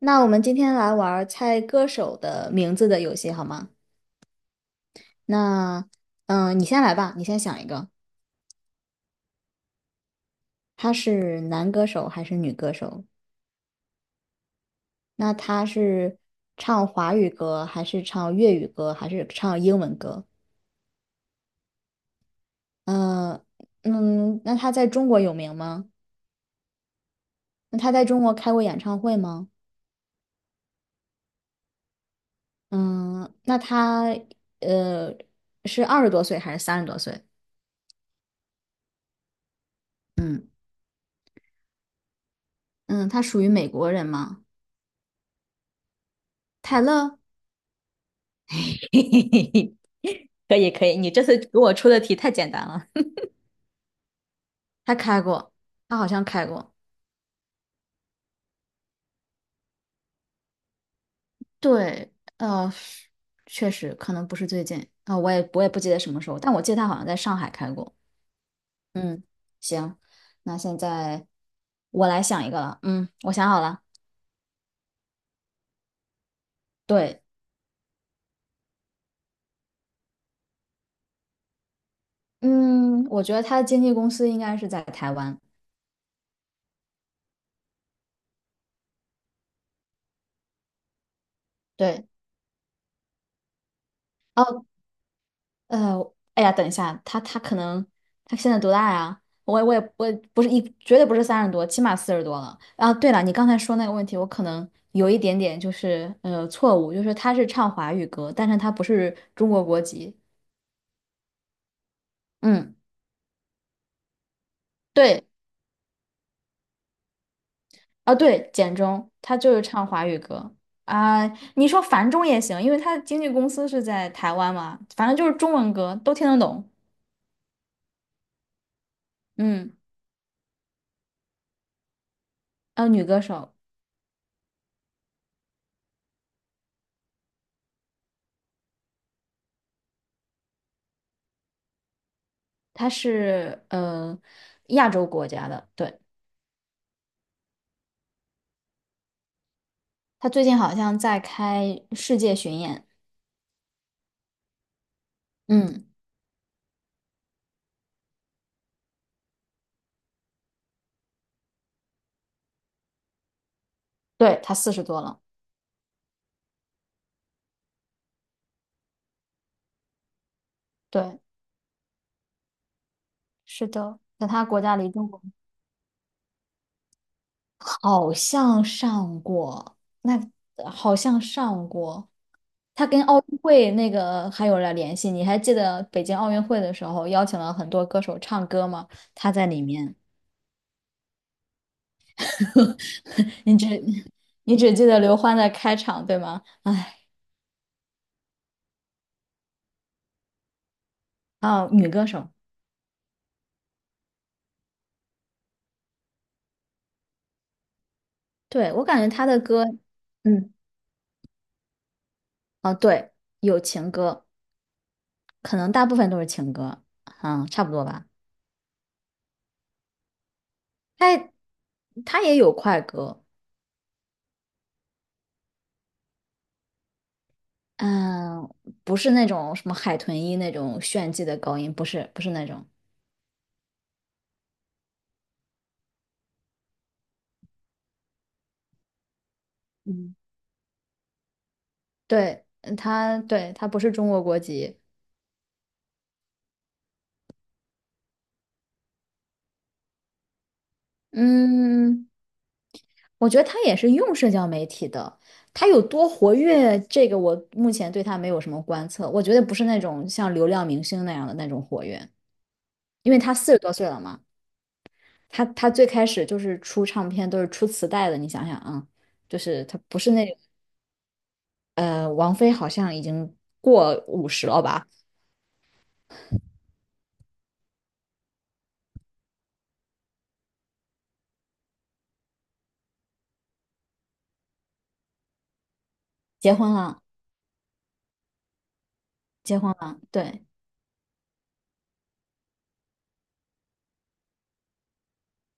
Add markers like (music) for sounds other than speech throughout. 那我们今天来玩儿猜歌手的名字的游戏好吗？那，你先来吧，你先想一个，他是男歌手还是女歌手？那他是唱华语歌还是唱粤语歌还是唱英文歌？嗯、那他在中国有名吗？那他在中国开过演唱会吗？嗯，那他呃是二十多岁还是三十多岁？嗯，他属于美国人吗？泰勒。(laughs) 嘿嘿嘿嘿，可以可以，你这次给我出的题太简单了。(laughs) 他开过，他好像开过。对，确实可能不是最近啊、我也不记得什么时候，但我记得他好像在上海开过。嗯，行，那现在我来想一个了。嗯，我想好了。对，嗯，我觉得他的经纪公司应该是在台湾。对，哦，哎呀，等一下，他可能他现在多大呀？我也不是一，绝对不是三十多，起码四十多了。啊，对了，你刚才说那个问题，我可能有一点点就是错误，就是他是唱华语歌，但是他不是中国国籍。嗯，对，啊对，简中他就是唱华语歌啊。你说繁中也行，因为他的经纪公司是在台湾嘛，反正就是中文歌都听得懂。嗯，女歌手，她是亚洲国家的，对。他最近好像在开世界巡演，嗯，对，他四十多了，对，是的，在他国家离中国好像上过，那好像上过，他跟奥运会那个还有了联系，你还记得北京奥运会的时候邀请了很多歌手唱歌吗？他在里面，(laughs) 你只你只记得刘欢的开场，对吗？哎，哦，女歌手，对，我感觉他的歌，嗯，哦，对，有情歌。可能大部分都是情歌，嗯，差不多吧。他他也有快歌，嗯，不是那种什么海豚音那种炫技的高音，不是那种。嗯，对，嗯他，对，他不是中国国籍。嗯，我觉得他也是用社交媒体的，他有多活跃，这个我目前对他没有什么观测。我觉得不是那种像流量明星那样的那种活跃，因为他四十多岁了嘛。他最开始就是出唱片都是出磁带的，你想想啊，就是他不是那王菲好像已经过五十了吧，结婚了，结婚了，对，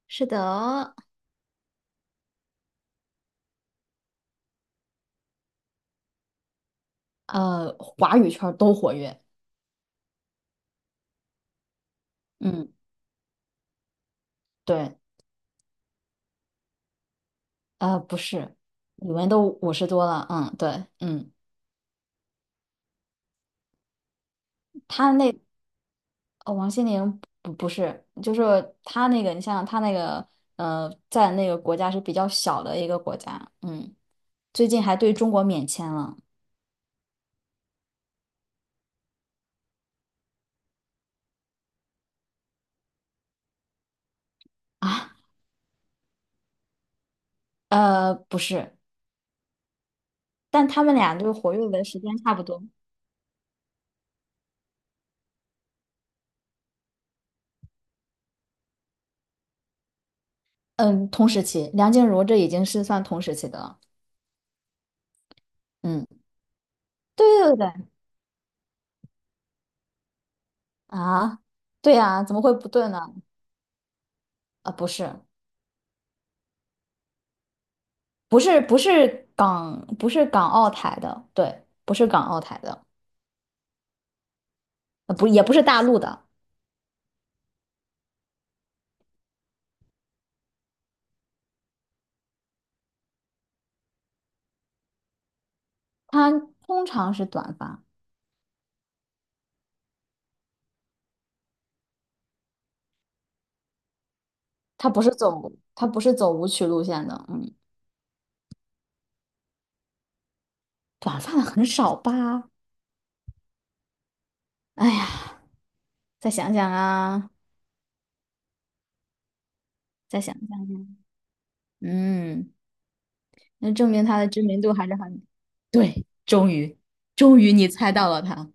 是的，华语圈都活跃，嗯，对，不是，李玟都五十多了，嗯，对，嗯，他那哦王心凌不是，就是他那个，你想想他那个，在那个国家是比较小的一个国家，嗯，最近还对中国免签了。(laughs) 啊。不是，但他们俩就是活跃的时间差不多。嗯，同时期，梁静茹这已经是算同时期的了。嗯，对对对对啊，对呀、怎么会不对呢？啊，不是，不是，不是港澳台的，对，不是港澳台的，不，也不是大陆的，他通常是短发，他不是走舞曲路线的，嗯，短发的很少吧？哎呀，再想想啊，再想想，嗯。那证明他的知名度还是很……对，终于，终于你猜到了他，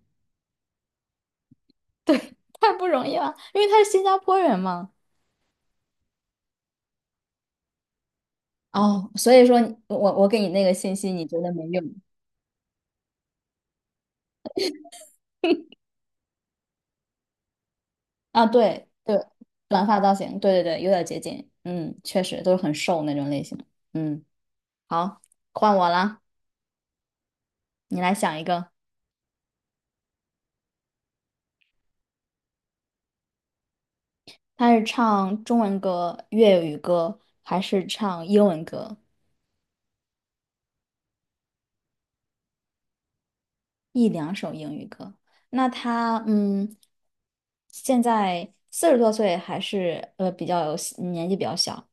太不容易了，因为他是新加坡人嘛。哦，所以说你我给你那个信息，你觉得没用啊？对对，短发造型，对对对，有点接近，嗯，确实都是很瘦那种类型。嗯，好，换我啦，你来想一个，他是唱中文歌、粤语歌还是唱英文歌？一两首英语歌。那他现在四十多岁，还是比较有年纪比较小，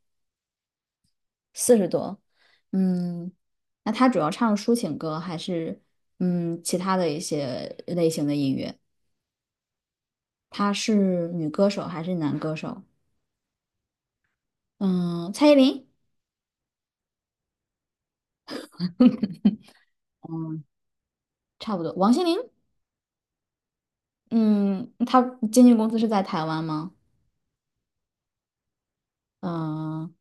四十多。嗯，那他主要唱抒情歌还是其他的一些类型的音乐？他是女歌手还是男歌手？嗯，蔡依林 (laughs)，嗯，差不多。王心凌，嗯，他经纪公司是在台湾吗？嗯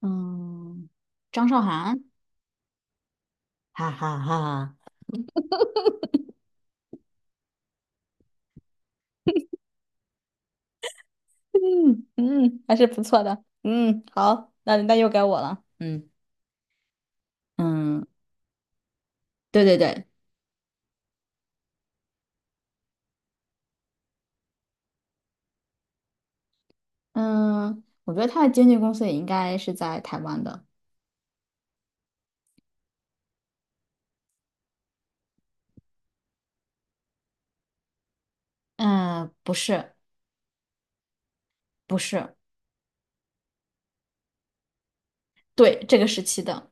嗯，张韶涵。哈哈哈嗯嗯，还是不错的。嗯，好，那那又该我了。嗯嗯，对对对，嗯，我觉得他的经纪公司也应该是在台湾的。嗯，不是不是，对，这个时期的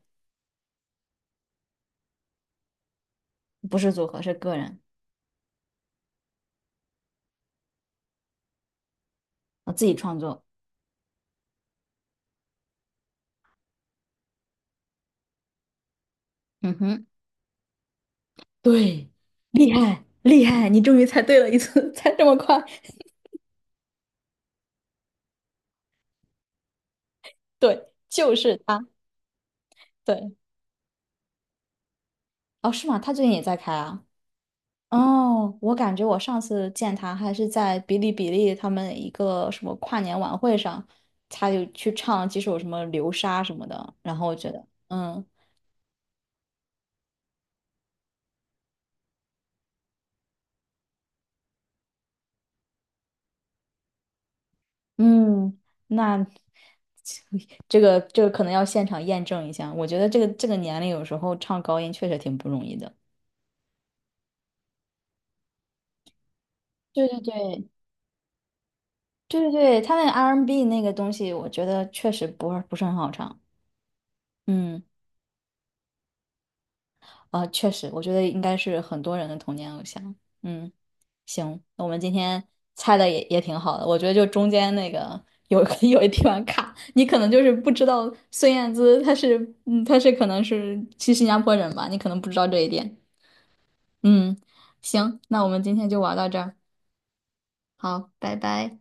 不是组合，是个人，我自己创作。嗯哼，对，厉害厉害，你终于猜对了一次，(laughs) 猜这么快。对，就是他。对，哦，是吗？他最近也在开啊。哦，我感觉我上次见他还是在哔哩哔哩他们一个什么跨年晚会上，他就去唱几首什么《流沙》什么的，然后我觉得，嗯嗯，那 (laughs) 这个可能要现场验证一下。我觉得这个年龄有时候唱高音确实挺不容易的。对对对对对对，他那个 R&B 那个东西，我觉得确实不是很好唱。嗯。啊，确实，我觉得应该是很多人的童年偶像。嗯，行，那我们今天猜的也挺好的，我觉得就中间那个有 (laughs) 有一地方卡，你可能就是不知道孙燕姿她是，嗯，她是可能是去新加坡人吧，你可能不知道这一点。嗯，行，那我们今天就玩到这儿，好，拜拜。